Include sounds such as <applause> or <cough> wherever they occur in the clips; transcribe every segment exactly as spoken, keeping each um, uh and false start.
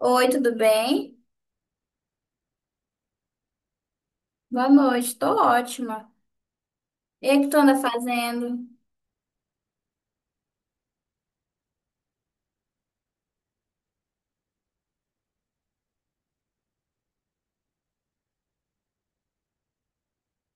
Oi, tudo bem? Boa noite, tô ótima. E o que tu anda fazendo?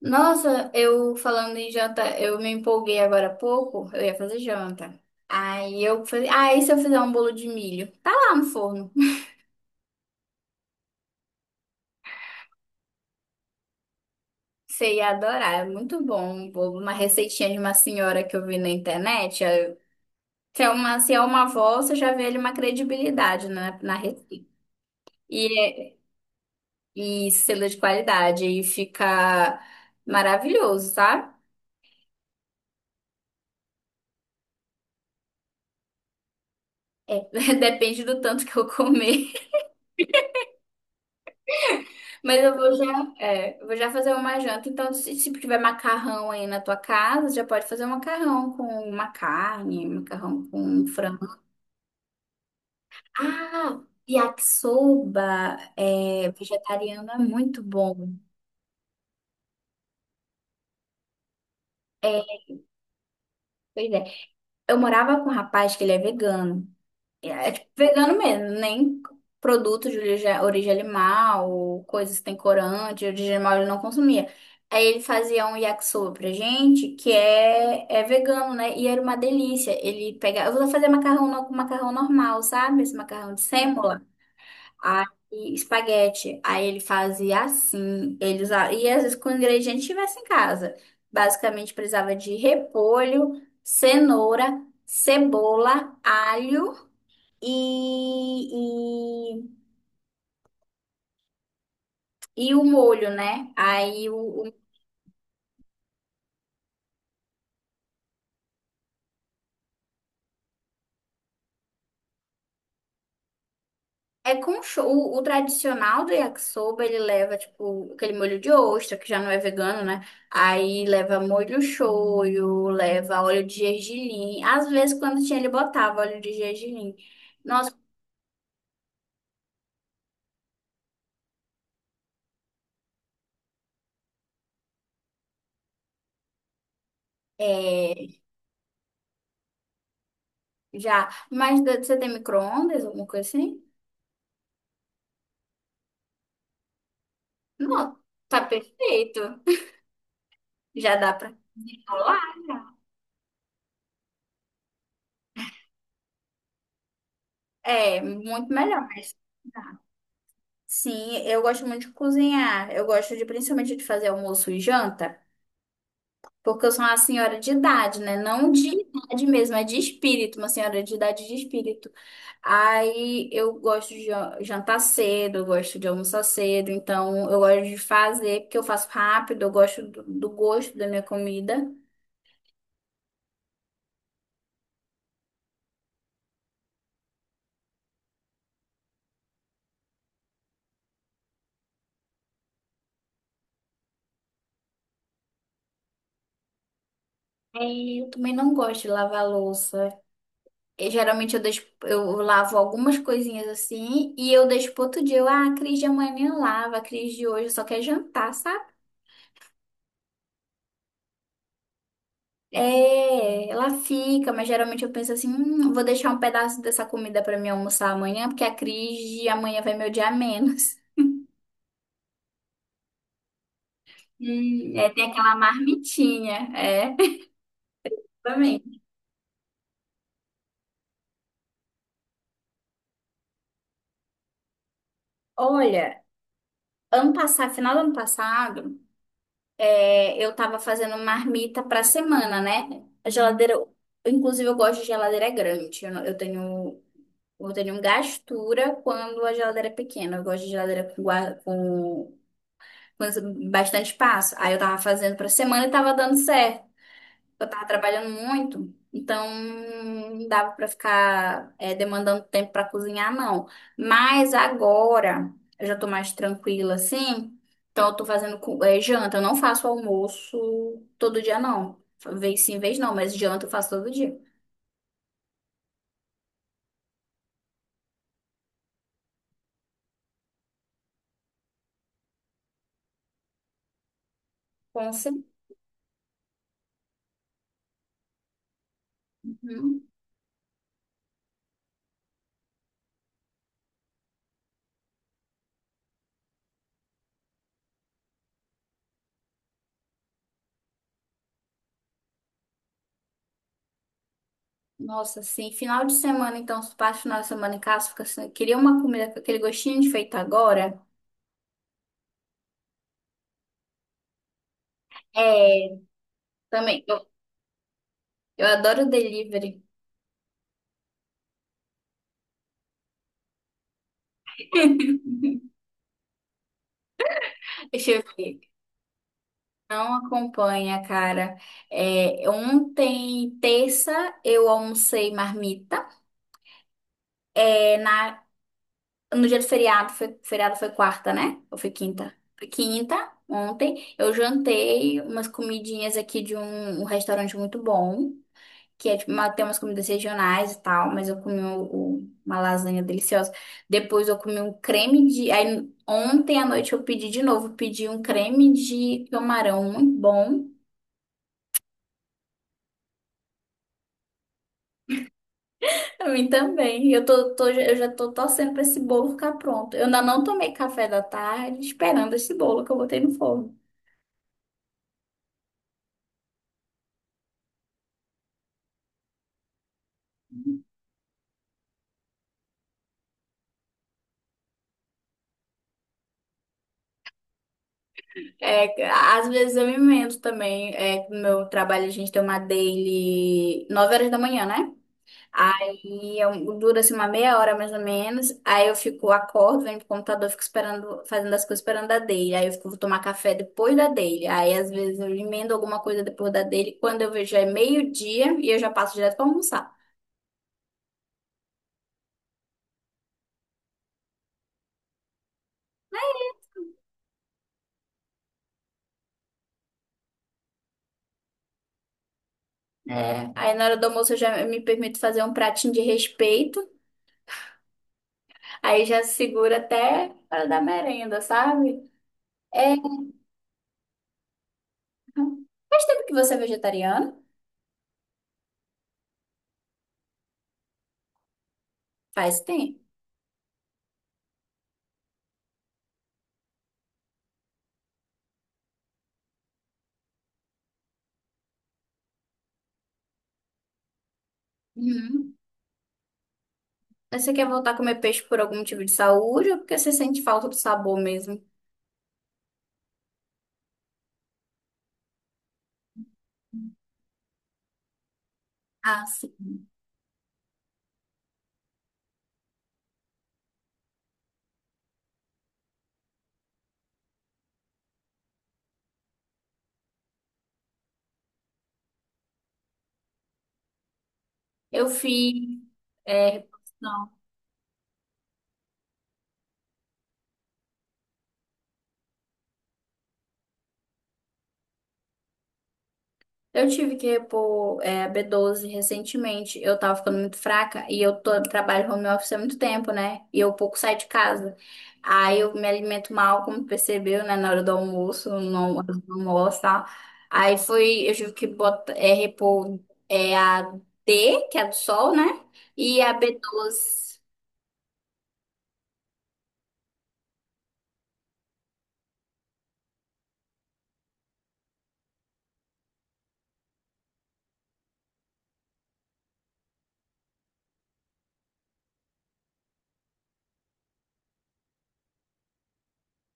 Nossa, eu falando em janta, eu me empolguei agora há pouco, eu ia fazer janta. Aí eu falei, ah, e se eu fizer um bolo de milho? Tá lá no forno. <laughs> Você ia adorar, é muito bom um bolo. Uma receitinha de uma senhora que eu vi na internet. eh, Se é uma, se é uma avó, você já vê ali uma credibilidade na, na receita. E, é- e selo de qualidade, e fica maravilhoso, sabe? É, <laughs> depende do tanto que eu comer. Mas eu vou já, é, eu vou já fazer uma janta. Então, se, se tiver macarrão aí na tua casa, já pode fazer um macarrão com uma carne, um macarrão com um frango. Ah, yakisoba é, vegetariano é muito bom. É, pois é. Eu morava com um rapaz que ele é vegano. É, tipo, vegano mesmo, nem produtos de origem, origem animal, coisas que tem corante, de origem animal ele não consumia. Aí ele fazia um yakisoba pra gente, que é, é vegano, né? E era uma delícia. Ele pegava, eu vou fazer macarrão no- com macarrão normal, sabe? Esse macarrão de sêmola. Aí, espaguete. Aí ele fazia assim, ele usava, e às vezes com o ingrediente que tivesse em casa. Basicamente precisava de repolho, cenoura, cebola, alho e, e, e o molho, né? Aí o, o- é com cho- o, o tradicional do yakisoba, ele leva tipo aquele molho de ostra, que já não é vegano, né? Aí leva molho shoyu, leva óleo de gergelim. Às vezes quando tinha ele botava óleo de gergelim. Nossa, é, já, mas você tem micro-ondas, alguma coisa assim? Não, tá perfeito. Já dá pra enrolar, né? É, muito melhor, mas sim, eu gosto muito de cozinhar. Eu gosto de principalmente de fazer almoço e janta, porque eu sou uma senhora de idade, né? Não de idade mesmo, é de espírito, uma senhora de idade de espírito. Aí eu gosto de jan- jantar cedo, eu gosto de almoçar cedo, então eu gosto de fazer, porque eu faço rápido, eu gosto do, do gosto da minha comida. E eu também não gosto de lavar louça. Eu, geralmente eu deixo, eu lavo algumas coisinhas assim e eu deixo pro outro dia. Eu, ah, a Cris de amanhã lava, a Cris de hoje só quer jantar, sabe? É, ela fica, mas geralmente eu penso assim, hum, vou deixar um pedaço dessa comida pra mim almoçar amanhã, porque a Cris de amanhã vai me odiar menos. <laughs> É, tem aquela marmitinha, é. Também. Olha, ano passado, final do ano passado, é, eu tava fazendo marmita pra semana, né? A geladeira Inclusive, eu gosto de geladeira grande. Eu, não- eu tenho. Eu tenho um gastura quando a geladeira é pequena. Eu gosto de geladeira com, gua- com, com bastante espaço. Aí eu tava fazendo pra semana e tava dando certo. Eu tava trabalhando muito, então não dava pra ficar é, demandando tempo pra cozinhar, não. Mas agora eu já tô mais tranquila, assim. Então eu tô fazendo co- é, janta. Eu não faço almoço todo dia, não. Vez sim, vez não, mas janta eu faço todo dia. Com certeza. Nossa, assim, final de semana, então, se passa o final de semana em casa, fica assim, queria uma comida com aquele gostinho de feito agora. É, também, eu, eu adoro delivery. <laughs> Deixa eu ver. Não acompanha, cara. É, ontem, terça, eu almocei marmita. É, na, no dia do feriado, foi, feriado foi quarta, né? Ou foi quinta? Foi quinta, ontem, eu jantei umas comidinhas aqui de um um restaurante muito bom. Que é tipo, uma- tem umas comidas regionais e tal, mas eu comi o- o- uma lasanha deliciosa. Depois eu comi um creme de. Aí, ontem à noite eu pedi de novo, pedi um creme de camarão muito bom. <laughs> Pra mim também. Eu tô, tô- eu já tô torcendo pra esse bolo ficar pronto. Eu ainda não tomei café da tarde esperando esse bolo que eu botei no forno. É, às vezes eu me invento também. É, que no meu trabalho a gente tem uma daily nove horas da manhã, né? Aí eu- dura assim uma meia hora mais ou menos. Aí eu fico, acordo, venho pro computador, fico esperando, fazendo as coisas esperando a dele. Aí eu fico, vou tomar café depois da dele. Aí às vezes eu emendo alguma coisa depois da dele. Quando eu vejo já é meio-dia e eu já passo direto pra almoçar. É, aí na hora do almoço eu já me permito fazer um pratinho de respeito. Aí já segura até a hora da merenda, sabe? É, faz tempo que você é vegetariano? Faz tempo. Uhum. Mas Você quer voltar a comer peixe por algum motivo de saúde ou porque você sente falta do sabor mesmo? Ah, sim. Eu fiz. é, Não, eu tive que repor é, bê doze recentemente. Eu tava ficando muito fraca e eu tô, trabalho home office há muito tempo, né? E eu pouco saio de casa. Aí eu me alimento mal, como percebeu, né? Na hora do almoço, não, não almoço, tá? Aí foi. Eu tive que botar, é, repor é, a D, que é a do sol, né? E a bê doze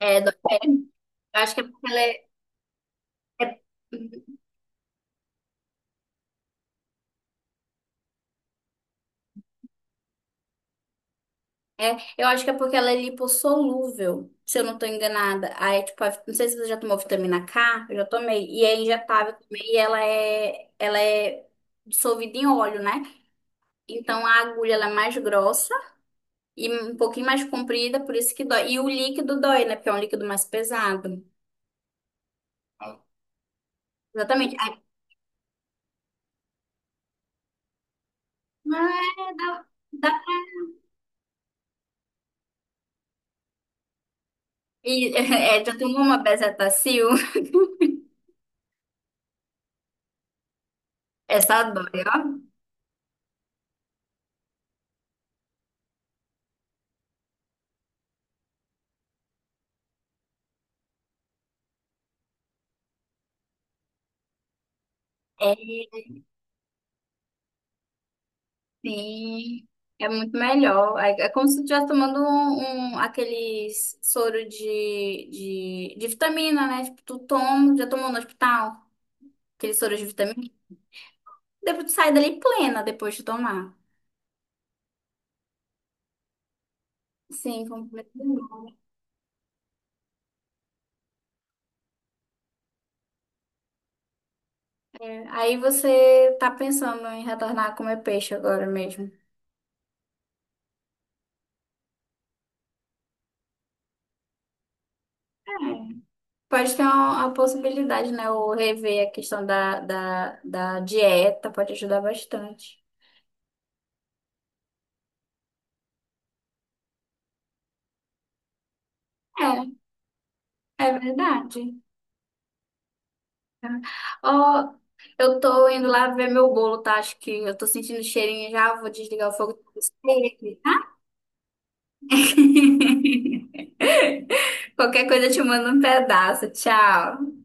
é. Eu acho que é porque ela é, é- é, eu acho que é porque ela é lipossolúvel, se eu não tô enganada. Aí, tipo, a- não sei se você já tomou vitamina K, eu já tomei. E é injetável também, e ela é, ela é dissolvida em óleo, né? Então a agulha ela é mais grossa e um pouquinho mais comprida, por isso que dói. E o líquido dói, né? Porque é um líquido mais pesado. Exatamente. Aí, ah, dá, dá. E, <laughs> é, já tomou uma bezetacil? Essa dói, ó. É, sim, é muito melhor. É, é como se tu estivesse tomando um, um- aqueles soro de, de, de vitamina, né? Tipo, tu toma, já tomou no hospital, aquele soro de vitamina. Depois tu sai dali plena depois de tomar. Sim, completamente. É, aí você tá pensando em retornar a comer peixe agora mesmo. É. Pode ter uma, uma possibilidade, né? Ou rever a questão da, da, da dieta, pode ajudar bastante. É, é verdade. Ó, eu tô indo lá ver meu bolo, tá? Acho que eu tô sentindo o cheirinho já. Vou desligar o fogo. pra você. <laughs> Qualquer coisa eu te mando um pedaço. Tchau.